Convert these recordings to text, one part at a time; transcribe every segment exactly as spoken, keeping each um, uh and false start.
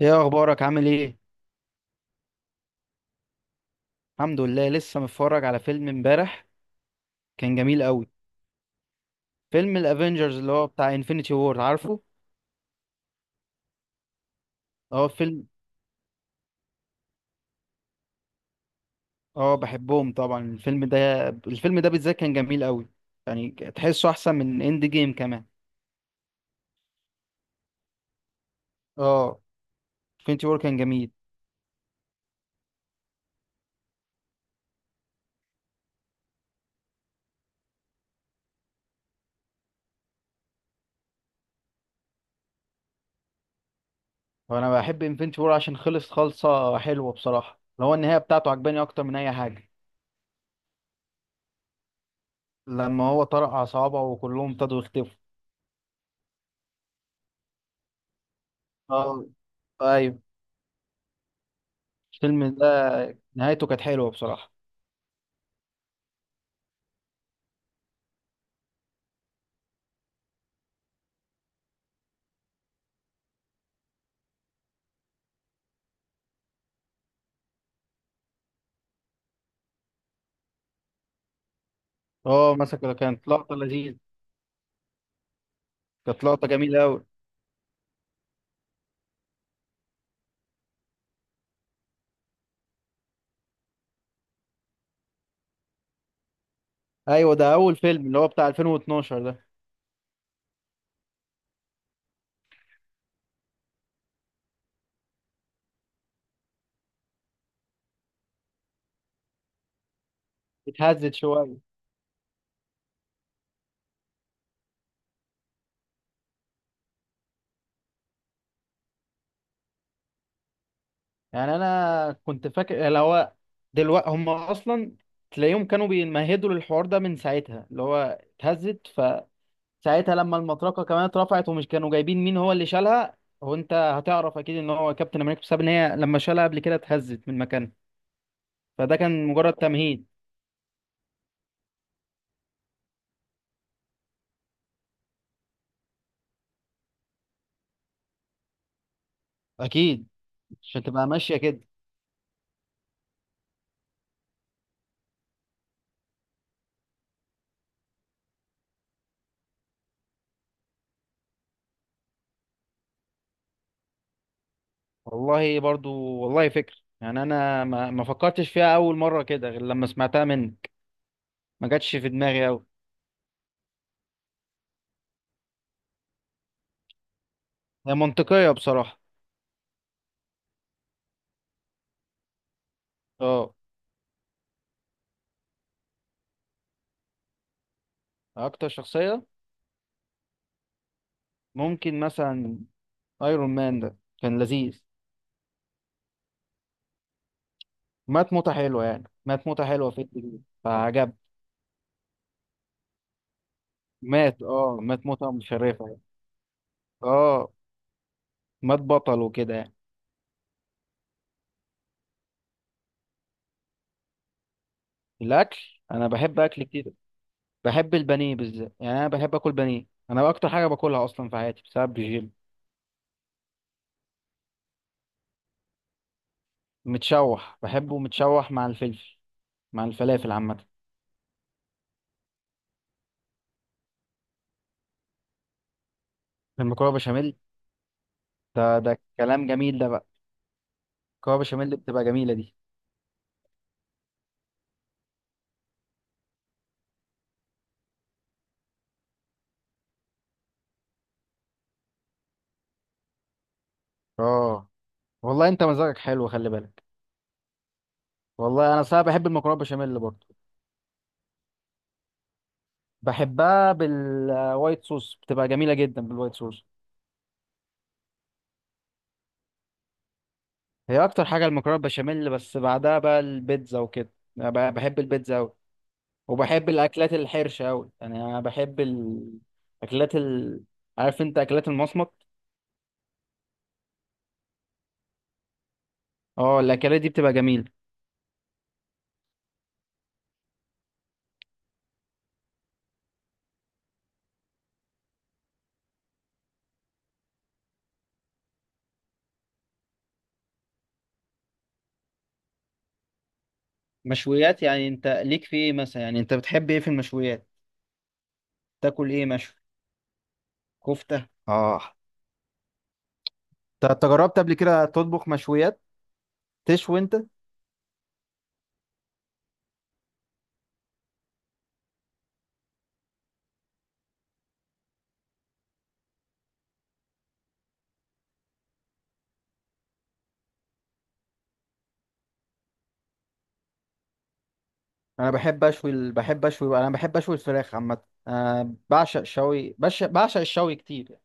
ايه اخبارك؟ عامل ايه؟ الحمد لله. لسه متفرج على فيلم امبارح. كان جميل قوي. فيلم الافينجرز اللي هو بتاع انفينيتي وور، عارفه؟ اه، فيلم اه، بحبهم طبعا الفيلم ده. الفيلم ده بالذات كان جميل قوي، يعني تحسه احسن من اند جيم كمان. اه. انفينيتي وور كان جميل. وانا بحب انفينيتي وور عشان خلص، خالصه حلوه بصراحه. اللي هو النهايه بتاعته عجباني اكتر من اي حاجه، لما هو طرق على صوابعه وكلهم ابتدوا يختفوا. اه. ايوه. الفيلم ده نهايته كانت حلوه بصراحه. اه، مسكوا ده، كانت لقطة لذيذة. كانت لقطة جميلة أوي. أيوة، ده أول فيلم اللي هو بتاع ألفين واثنا عشر ده. اتهزت شوية. يعني أنا كنت فاكر اللي هو دلوقتي هم أصلا تلاقيهم كانوا بيمهدوا للحوار ده من ساعتها، اللي هو اتهزت فساعتها لما المطرقة كمان اترفعت، ومش كانوا جايبين مين هو اللي شالها. هو أنت هتعرف أكيد إن هو كابتن أمريكا، بسبب إن هي لما شالها قبل كده اتهزت من مكانها، فده كان مجرد تمهيد. أكيد. مش هتبقى ماشية كده. والله برضو، والله فكر. يعني انا ما ما فكرتش فيها اول مره كده غير لما سمعتها منك، ما جاتش في دماغي قوي. هي منطقيه بصراحه. اه. اكتر شخصيه، ممكن مثلا ايرون مان ده، كان لذيذ. مات موته حلوه، يعني مات موته حلوه في الجديد فعجب. مات اه مات موته مشرفه يعني. اه، مات بطل وكده يعني. الاكل، انا بحب اكل كتير. بحب البانيه بالذات، يعني انا بحب اكل بانيه، انا اكتر حاجه باكلها اصلا في حياتي بسبب الجيم. متشوح، بحبه متشوح مع الفلفل، مع الفلافل عامة. المكرونة بشاميل، ده ده كلام جميل ده بقى. المكرونة بشاميل اللي بتبقى جميلة دي. اه. والله انت مزاجك حلو، خلي بالك. والله انا صراحة بحب المكرونة بشاميل برضه. بحبها بالوايت صوص، بتبقى جميلة جدا بالوايت صوص. هي اكتر حاجة المكرونة بشاميل، بس بعدها بقى البيتزا وكده. أنا ب- بحب البيتزا اوي. وبحب الاكلات الحرشة اوي، يعني انا بحب الاكلات ال... عارف انت اكلات المصمت؟ اه، الاكلات دي بتبقى جميلة. مشويات، يعني انت ليك في ايه مثلا؟ يعني انت بتحب ايه في المشويات؟ تاكل ايه مشوي؟ كفتة، اه. ت- انت جربت قبل كده تطبخ مشويات؟ تشوي انت؟ انا بحب اشوي ال- بحب اشوي انا بحب اشوي الفراخ عامه. انا بعشق شوي، بش... بعشق الشوي كتير.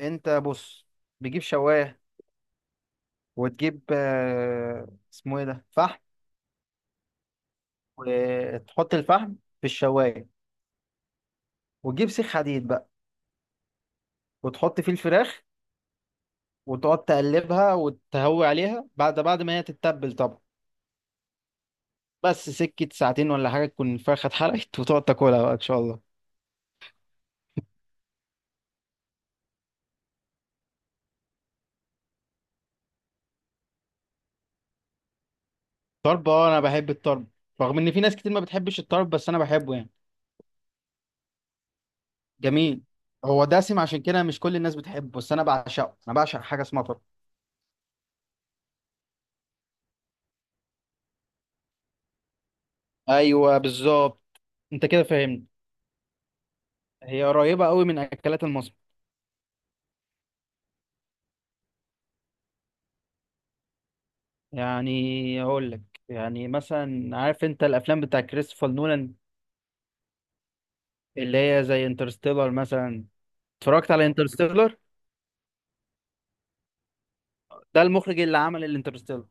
انت بص، بتجيب شوايه، وتجيب، آه، اسمه ايه ده، فحم، وتحط الفحم في الشوايه، وتجيب سيخ حديد بقى وتحط فيه الفراخ، وتقعد تقلبها وتهوي عليها بعد بعد ما هي تتبل طبعا. بس سكة ساعتين ولا حاجة تكون الفرخة اتحرقت وتقعد تاكلها بقى إن شاء الله. طرب، اه، أنا بحب الطرب، رغم إن في ناس كتير ما بتحبش الطرب، بس أنا بحبه يعني. جميل. هو دسم، عشان كده مش كل الناس بتحبه، بس أنا بعشقه. أنا بعشق حاجة اسمها طرب. أيوه، بالظبط. أنت كده فاهمني. هي قريبة قوي من أكلات المصمت. يعني أقول لك، يعني مثلا عارف أنت الأفلام بتاع كريستوفر نولان؟ اللي هي زي انترستيلر مثلا. اتفرجت على انترستيلر؟ ده المخرج اللي عمل الانترستيلر.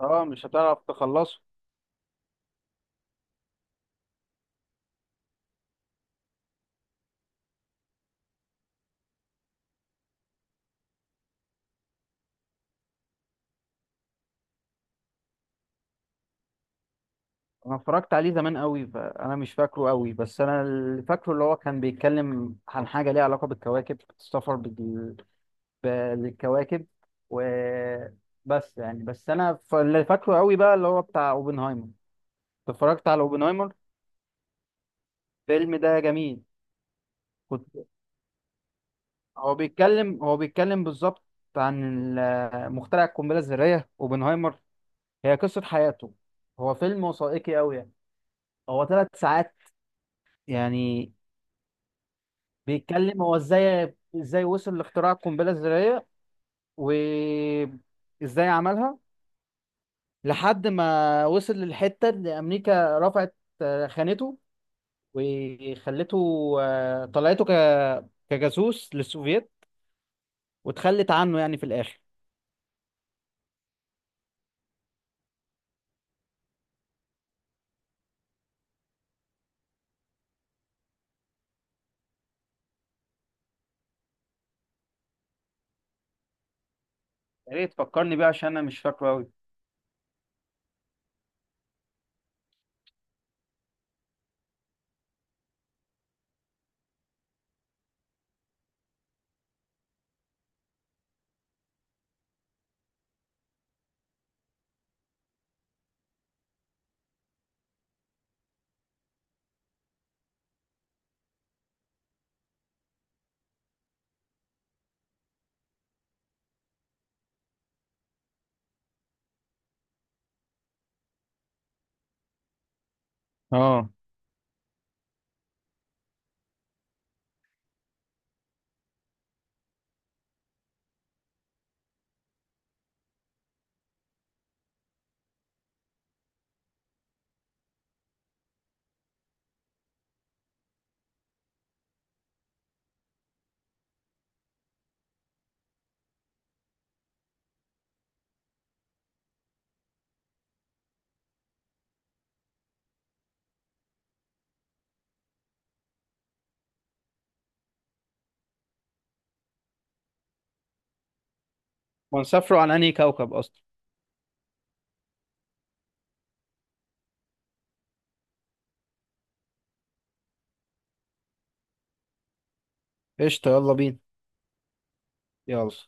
اه، مش هتعرف تخلصه. انا اتفرجت عليه زمان قوي، فانا مش فاكره قوي، بس انا اللي فاكره اللي هو كان بيتكلم عن حاجه ليها علاقه بالكواكب، السفر بال- بالكواكب وبس. يعني بس انا ف- اللي فاكره قوي بقى اللي هو بتاع اوبنهايمر. اتفرجت على اوبنهايمر؟ الفيلم ده جميل. كنت هو بيتكلم، هو بيتكلم بالظبط عن ال- مخترع القنبله الذريه اوبنهايمر. هي قصه حياته. هو فيلم وثائقي قوي يعني. هو ثلاث ساعات يعني. بيتكلم هو ازاي ازاي وصل لاختراع القنبله الذريه وازاي عملها، لحد ما وصل للحته اللي امريكا رفعت، آه، خانته وخلته، آه، طلعته ك كجاسوس للسوفييت، وتخلت عنه يعني في الاخر. يا ريت تفكرني بيه عشان انا مش فاكره قوي. اه، هو سافروا على انهي كوكب اصلا؟ قشطه، يلا بينا. يلا.